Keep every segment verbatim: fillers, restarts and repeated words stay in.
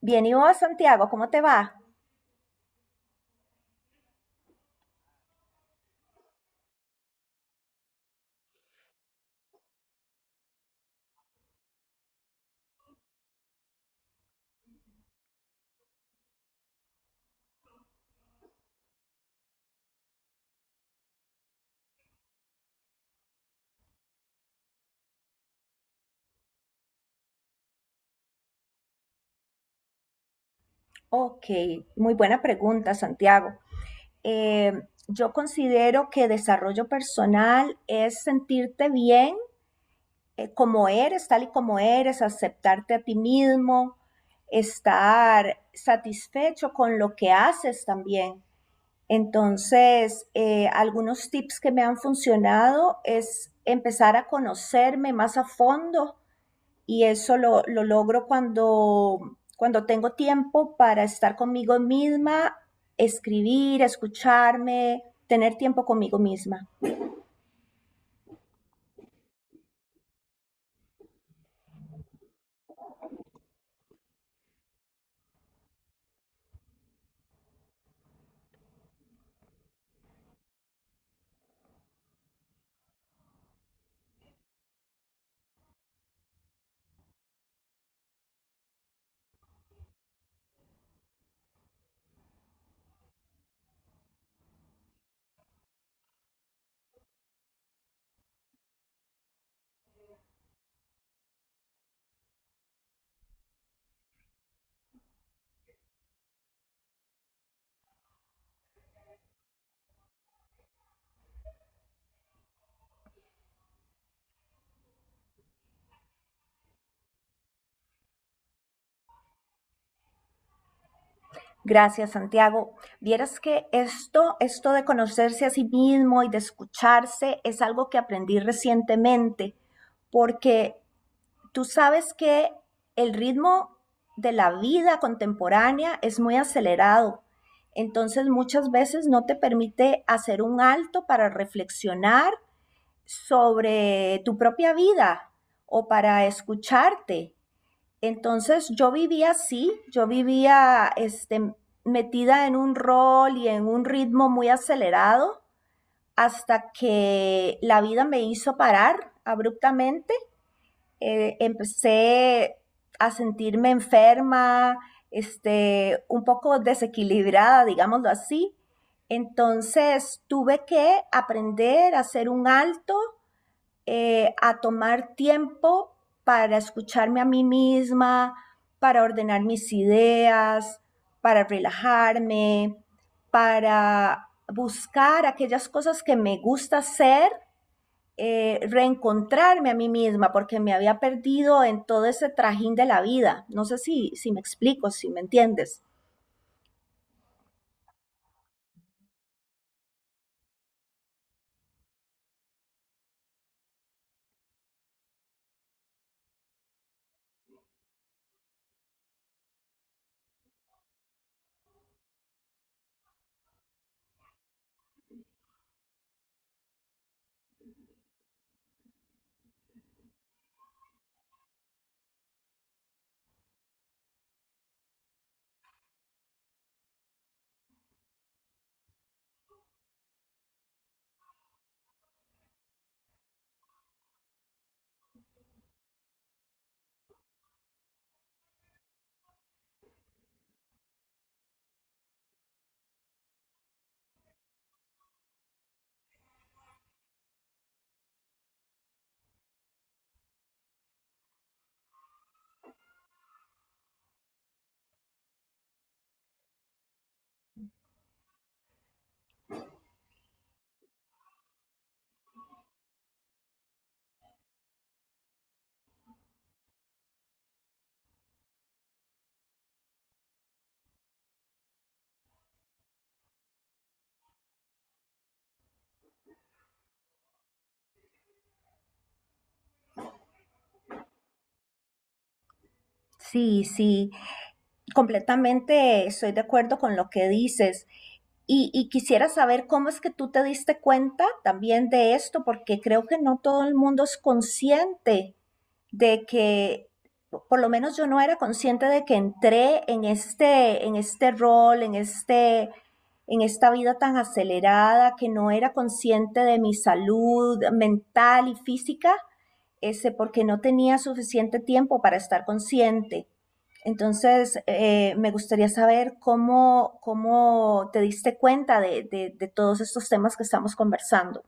Bien, ¿y vos, Santiago? ¿Cómo te va? Ok, muy buena pregunta, Santiago. Eh, yo considero que desarrollo personal es sentirte bien, eh, como eres, tal y como eres, aceptarte a ti mismo, estar satisfecho con lo que haces también. Entonces, eh, algunos tips que me han funcionado es empezar a conocerme más a fondo. Y eso lo, lo logro cuando, cuando tengo tiempo para estar conmigo misma, escribir, escucharme, tener tiempo conmigo misma. Gracias, Santiago. Vieras que esto, esto de conocerse a sí mismo y de escucharse es algo que aprendí recientemente, porque tú sabes que el ritmo de la vida contemporánea es muy acelerado, entonces muchas veces no te permite hacer un alto para reflexionar sobre tu propia vida o para escucharte. Entonces yo vivía así, yo vivía este, metida en un rol y en un ritmo muy acelerado hasta que la vida me hizo parar abruptamente. Eh, empecé a sentirme enferma, este, un poco desequilibrada, digámoslo así. Entonces tuve que aprender a hacer un alto, eh, a tomar tiempo para escucharme a mí misma, para ordenar mis ideas, para relajarme, para buscar aquellas cosas que me gusta hacer, eh, reencontrarme a mí misma porque me había perdido en todo ese trajín de la vida. No sé si, si me explico, si me entiendes. Sí, sí, completamente estoy de acuerdo con lo que dices. Y, y quisiera saber cómo es que tú te diste cuenta también de esto, porque creo que no todo el mundo es consciente de que, por lo menos yo no era consciente de que entré en este, en este rol, en, este, en esta vida tan acelerada, que no era consciente de mi salud mental y física, ese, porque no tenía suficiente tiempo para estar consciente. Entonces, eh, me gustaría saber cómo, cómo te diste cuenta de, de, de todos estos temas que estamos conversando.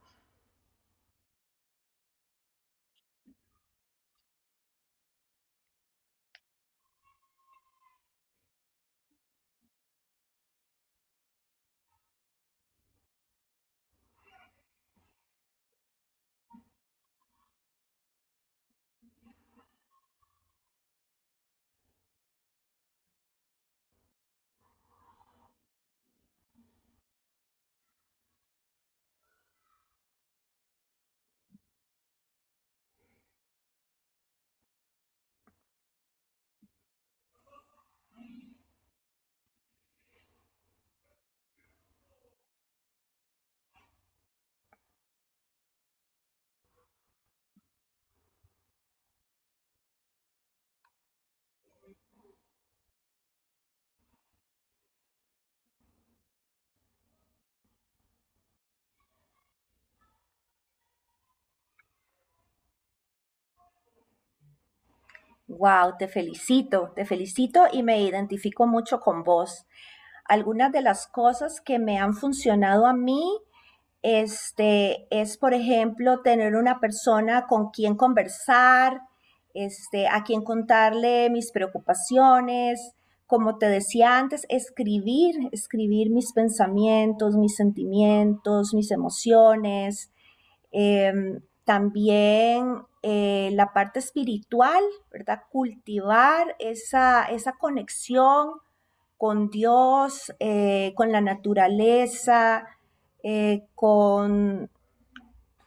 Wow, te felicito, te felicito y me identifico mucho con vos. Algunas de las cosas que me han funcionado a mí, este, es por ejemplo tener una persona con quien conversar, este, a quien contarle mis preocupaciones, como te decía antes, escribir, escribir mis pensamientos, mis sentimientos, mis emociones, eh, también eh, la parte espiritual, ¿verdad? Cultivar esa, esa conexión con Dios, eh, con la naturaleza, eh, con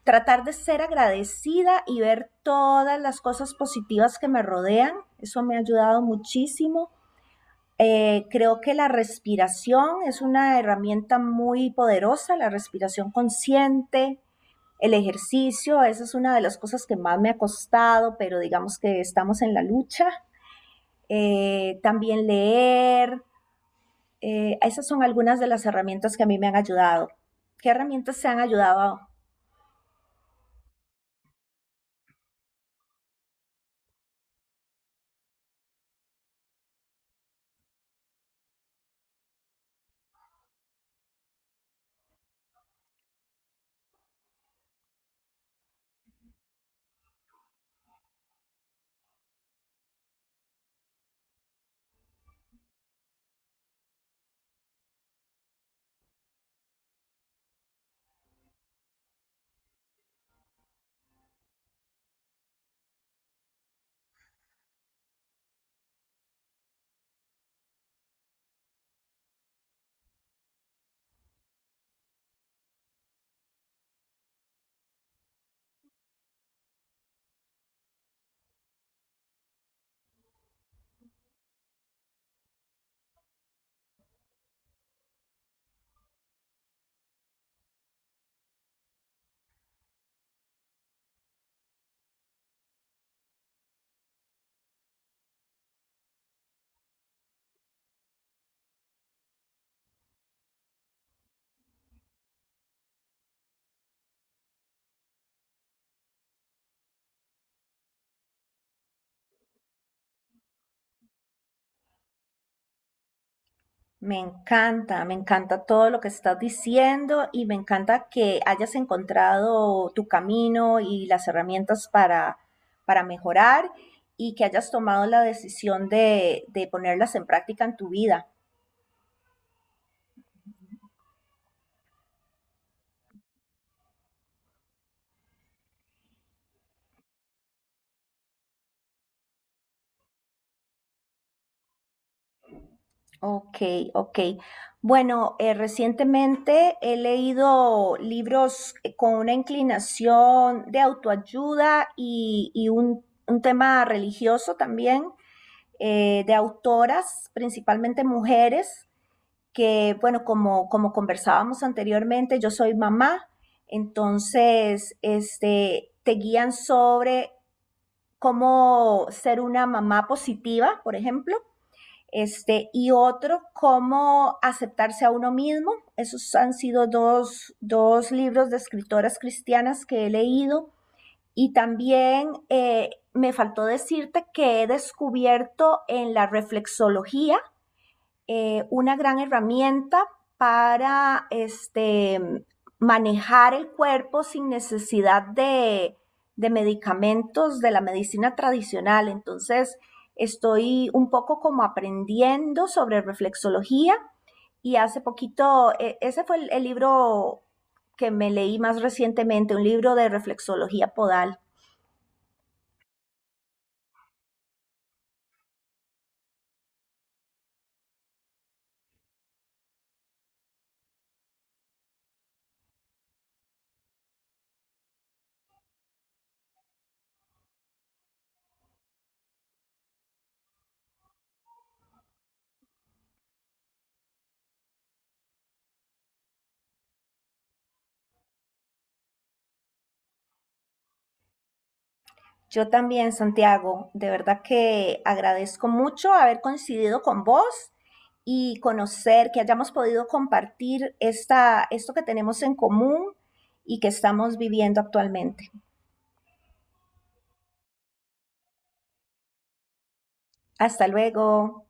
tratar de ser agradecida y ver todas las cosas positivas que me rodean. Eso me ha ayudado muchísimo. Eh, creo que la respiración es una herramienta muy poderosa, la respiración consciente, el ejercicio, esa es una de las cosas que más me ha costado, pero digamos que estamos en la lucha. Eh, también leer, eh, esas son algunas de las herramientas que a mí me han ayudado. ¿Qué herramientas te han ayudado? Me encanta, me encanta todo lo que estás diciendo y me encanta que hayas encontrado tu camino y las herramientas para, para mejorar y que hayas tomado la decisión de, de ponerlas en práctica en tu vida. Ok, ok. Bueno, eh, recientemente he leído libros eh, con una inclinación de autoayuda y, y un, un tema religioso también, eh, de autoras, principalmente mujeres, que, bueno, como, como conversábamos anteriormente, yo soy mamá, entonces, este, te guían sobre cómo ser una mamá positiva, por ejemplo este, y otro, cómo aceptarse a uno mismo. Esos han sido dos, dos libros de escritoras cristianas que he leído. Y también eh, me faltó decirte que he descubierto en la reflexología eh, una gran herramienta para este, manejar el cuerpo sin necesidad de, de medicamentos de la medicina tradicional. Entonces, estoy un poco como aprendiendo sobre reflexología y hace poquito, e, ese fue el, el libro que me leí más recientemente, un libro de reflexología podal. Yo también, Santiago, de verdad que agradezco mucho haber coincidido con vos y conocer que hayamos podido compartir esta, esto que tenemos en común y que estamos viviendo actualmente. Hasta luego.